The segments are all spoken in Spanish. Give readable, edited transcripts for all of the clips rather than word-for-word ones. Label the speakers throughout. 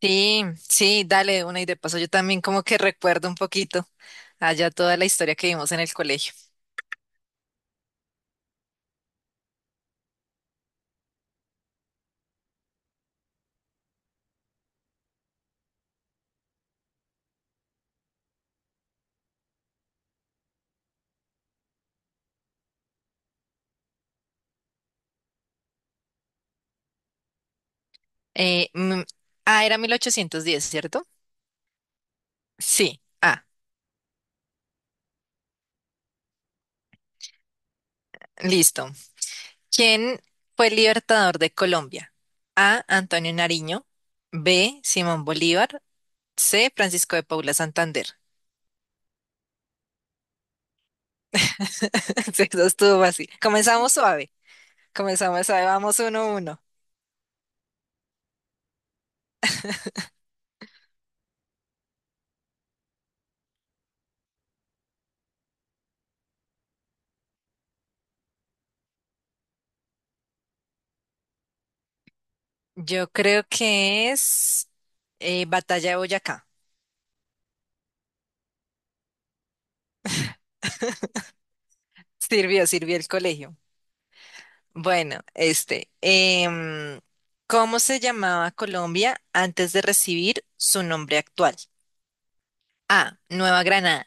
Speaker 1: Sí, sí, dale de una y de paso yo también como que recuerdo un poquito allá toda la historia que vimos en el colegio. Eh, mm, ah, era 1810, ¿cierto? Sí. Ah, listo. ¿Quién fue el libertador de Colombia? A. Antonio Nariño. B. Simón Bolívar. C. Francisco de Paula Santander. Sí, eso estuvo así. Comenzamos suave. Comenzamos suave. Vamos uno a uno. Yo creo que es Batalla de Boyacá. Sirvió, sirvió el colegio. Bueno, este, ¿cómo se llamaba Colombia antes de recibir su nombre actual? A, Nueva Granada.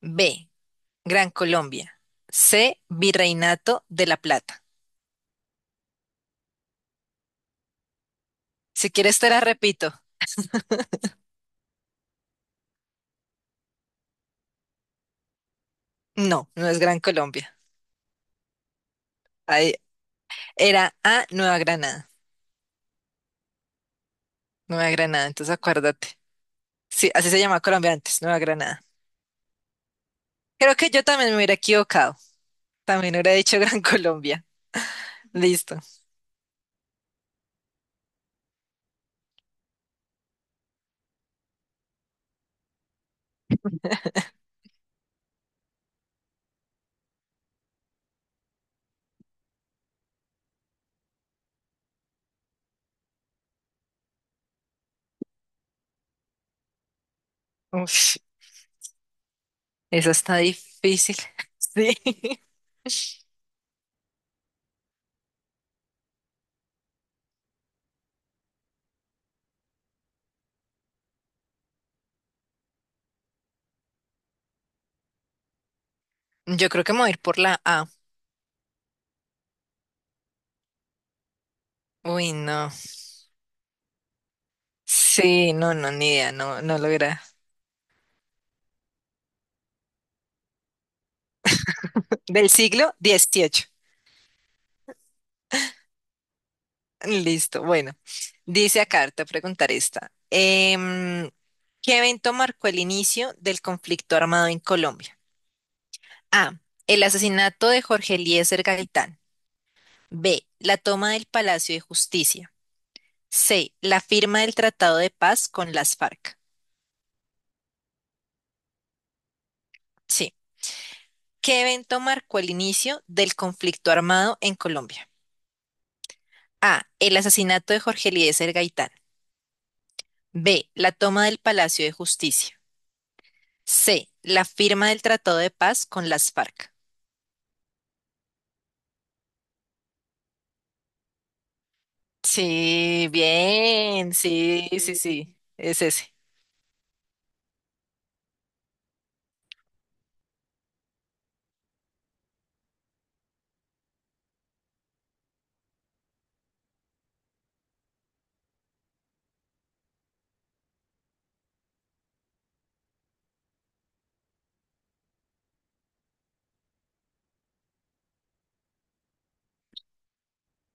Speaker 1: B, Gran Colombia. C, Virreinato de la Plata. Si quieres te la repito. No, no es Gran Colombia. Ahí- era A, Nueva Granada. Nueva Granada, entonces acuérdate. Sí, así se llamaba Colombia antes, Nueva Granada. Creo que yo también me hubiera equivocado. También hubiera dicho Gran Colombia. Listo. Uf. Esa está difícil. Sí. Yo creo que me voy a ir por la A. Uy, no. Sí, no, no, ni idea, no, no logra. Del siglo XVIII. Listo, bueno. Dice acá, te voy a preguntar esta. ¿Qué evento marcó el inicio del conflicto armado en Colombia? A. El asesinato de Jorge Eliezer Gaitán. B. La toma del Palacio de Justicia. C. La firma del Tratado de Paz con las FARC. Sí. ¿Qué evento marcó el inicio del conflicto armado en Colombia? A. El asesinato de Jorge Eliezer Gaitán. B. La toma del Palacio de Justicia. C. La firma del Tratado de Paz con las FARC. Sí, bien. Sí, sí, sí. Sí. Es ese.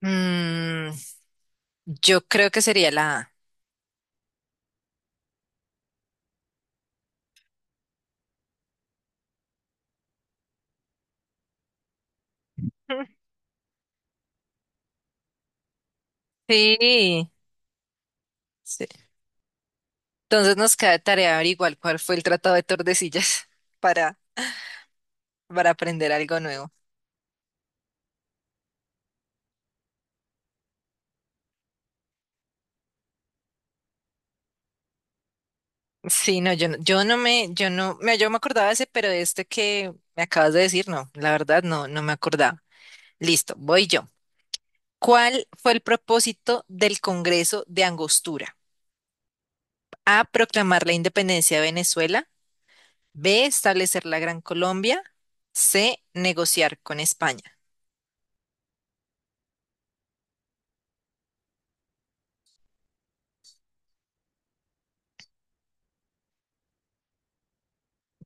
Speaker 1: Mm, yo creo que sería la A. Sí, sí. Entonces nos queda de tarea averiguar cuál fue el Tratado de Tordesillas para, para aprender algo nuevo. Sí, no, yo no, me, yo me acordaba de ese, pero de este que me acabas de decir, no, la verdad no, no me acordaba. Listo, voy yo. ¿Cuál fue el propósito del Congreso de Angostura? A, proclamar la independencia de Venezuela. B, establecer la Gran Colombia. C, negociar con España.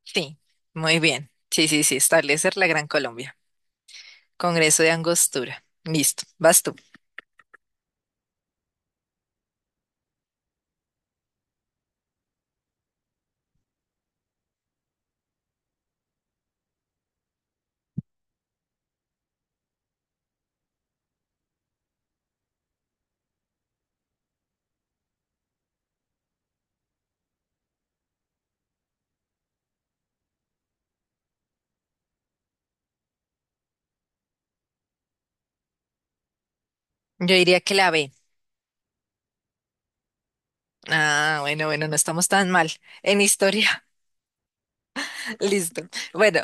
Speaker 1: Sí, muy bien. Sí, sí, sí, establecer la Gran Colombia. Congreso de Angostura. Listo, vas tú. Yo diría que la B. Ah, bueno, bueno, no estamos tan mal en historia. Listo. Bueno,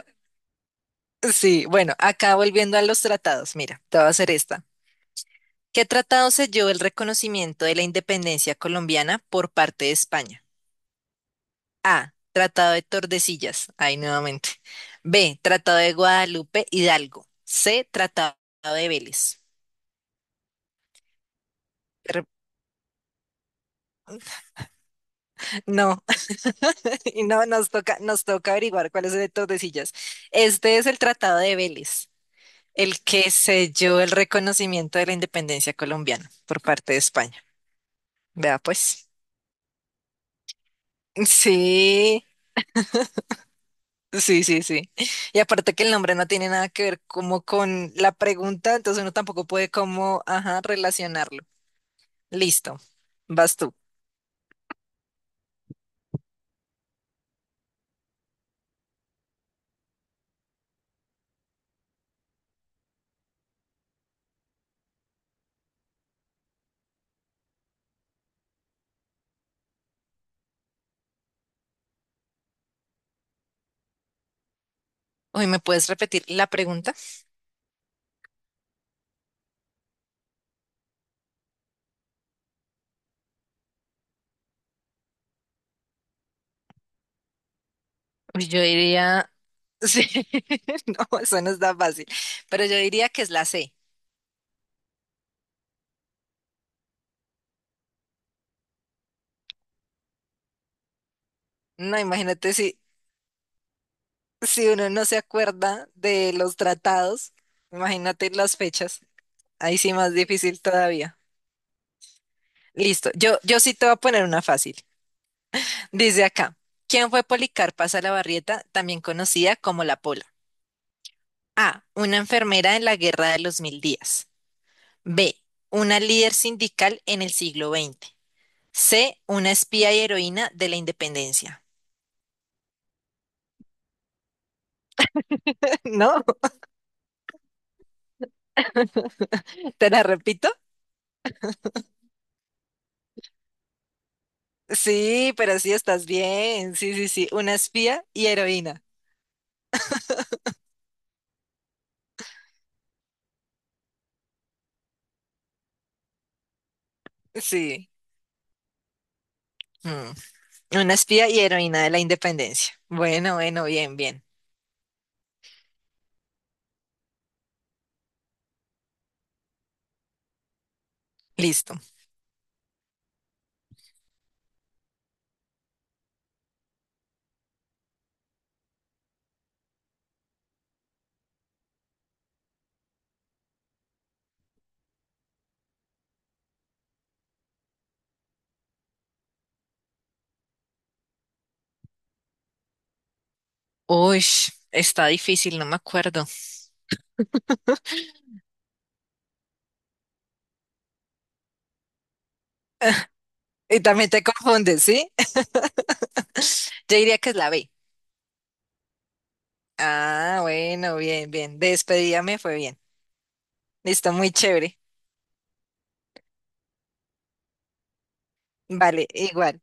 Speaker 1: sí, bueno, acá volviendo a los tratados, mira, te voy a hacer esta. ¿Qué tratado selló el reconocimiento de la independencia colombiana por parte de España? A. Tratado de Tordesillas. Ahí nuevamente. B. Tratado de Guadalupe Hidalgo. C. Tratado de Vélez. Re- No, y no, nos toca averiguar cuál es el de Tordesillas. Este es el Tratado de Vélez, el que selló el reconocimiento de la independencia colombiana por parte de España. Vea pues. Sí, sí, sí, sí. Y aparte que el nombre no tiene nada que ver como con la pregunta, entonces uno tampoco puede como, ajá, relacionarlo. Listo, vas tú. Uy, ¿me puedes repetir la pregunta? Uy, yo diría, sí, no, eso no es tan fácil, pero yo diría que es la C. No, imagínate si uno no se acuerda de los tratados, imagínate las fechas. Ahí sí más difícil todavía. Listo, yo sí te voy a poner una fácil. Dice acá, ¿quién fue Policarpa Salabarrieta, también conocida como la Pola? A, una enfermera en la Guerra de los Mil Días. B, una líder sindical en el siglo XX. C, una espía y heroína de la independencia. ¿No? ¿Te la repito? Sí, pero sí estás bien. Sí, sí, sí, una espía y heroína. Sí. Mm, Una espía y heroína de la independencia. Bueno, bueno, bien, bien. Listo. Uy, está difícil, no me acuerdo. Y también te confundes, ¿sí? Yo diría que es la B. Ah, bueno, bien, bien. Despedida me fue bien. Listo, muy chévere. Vale, igual. Igual.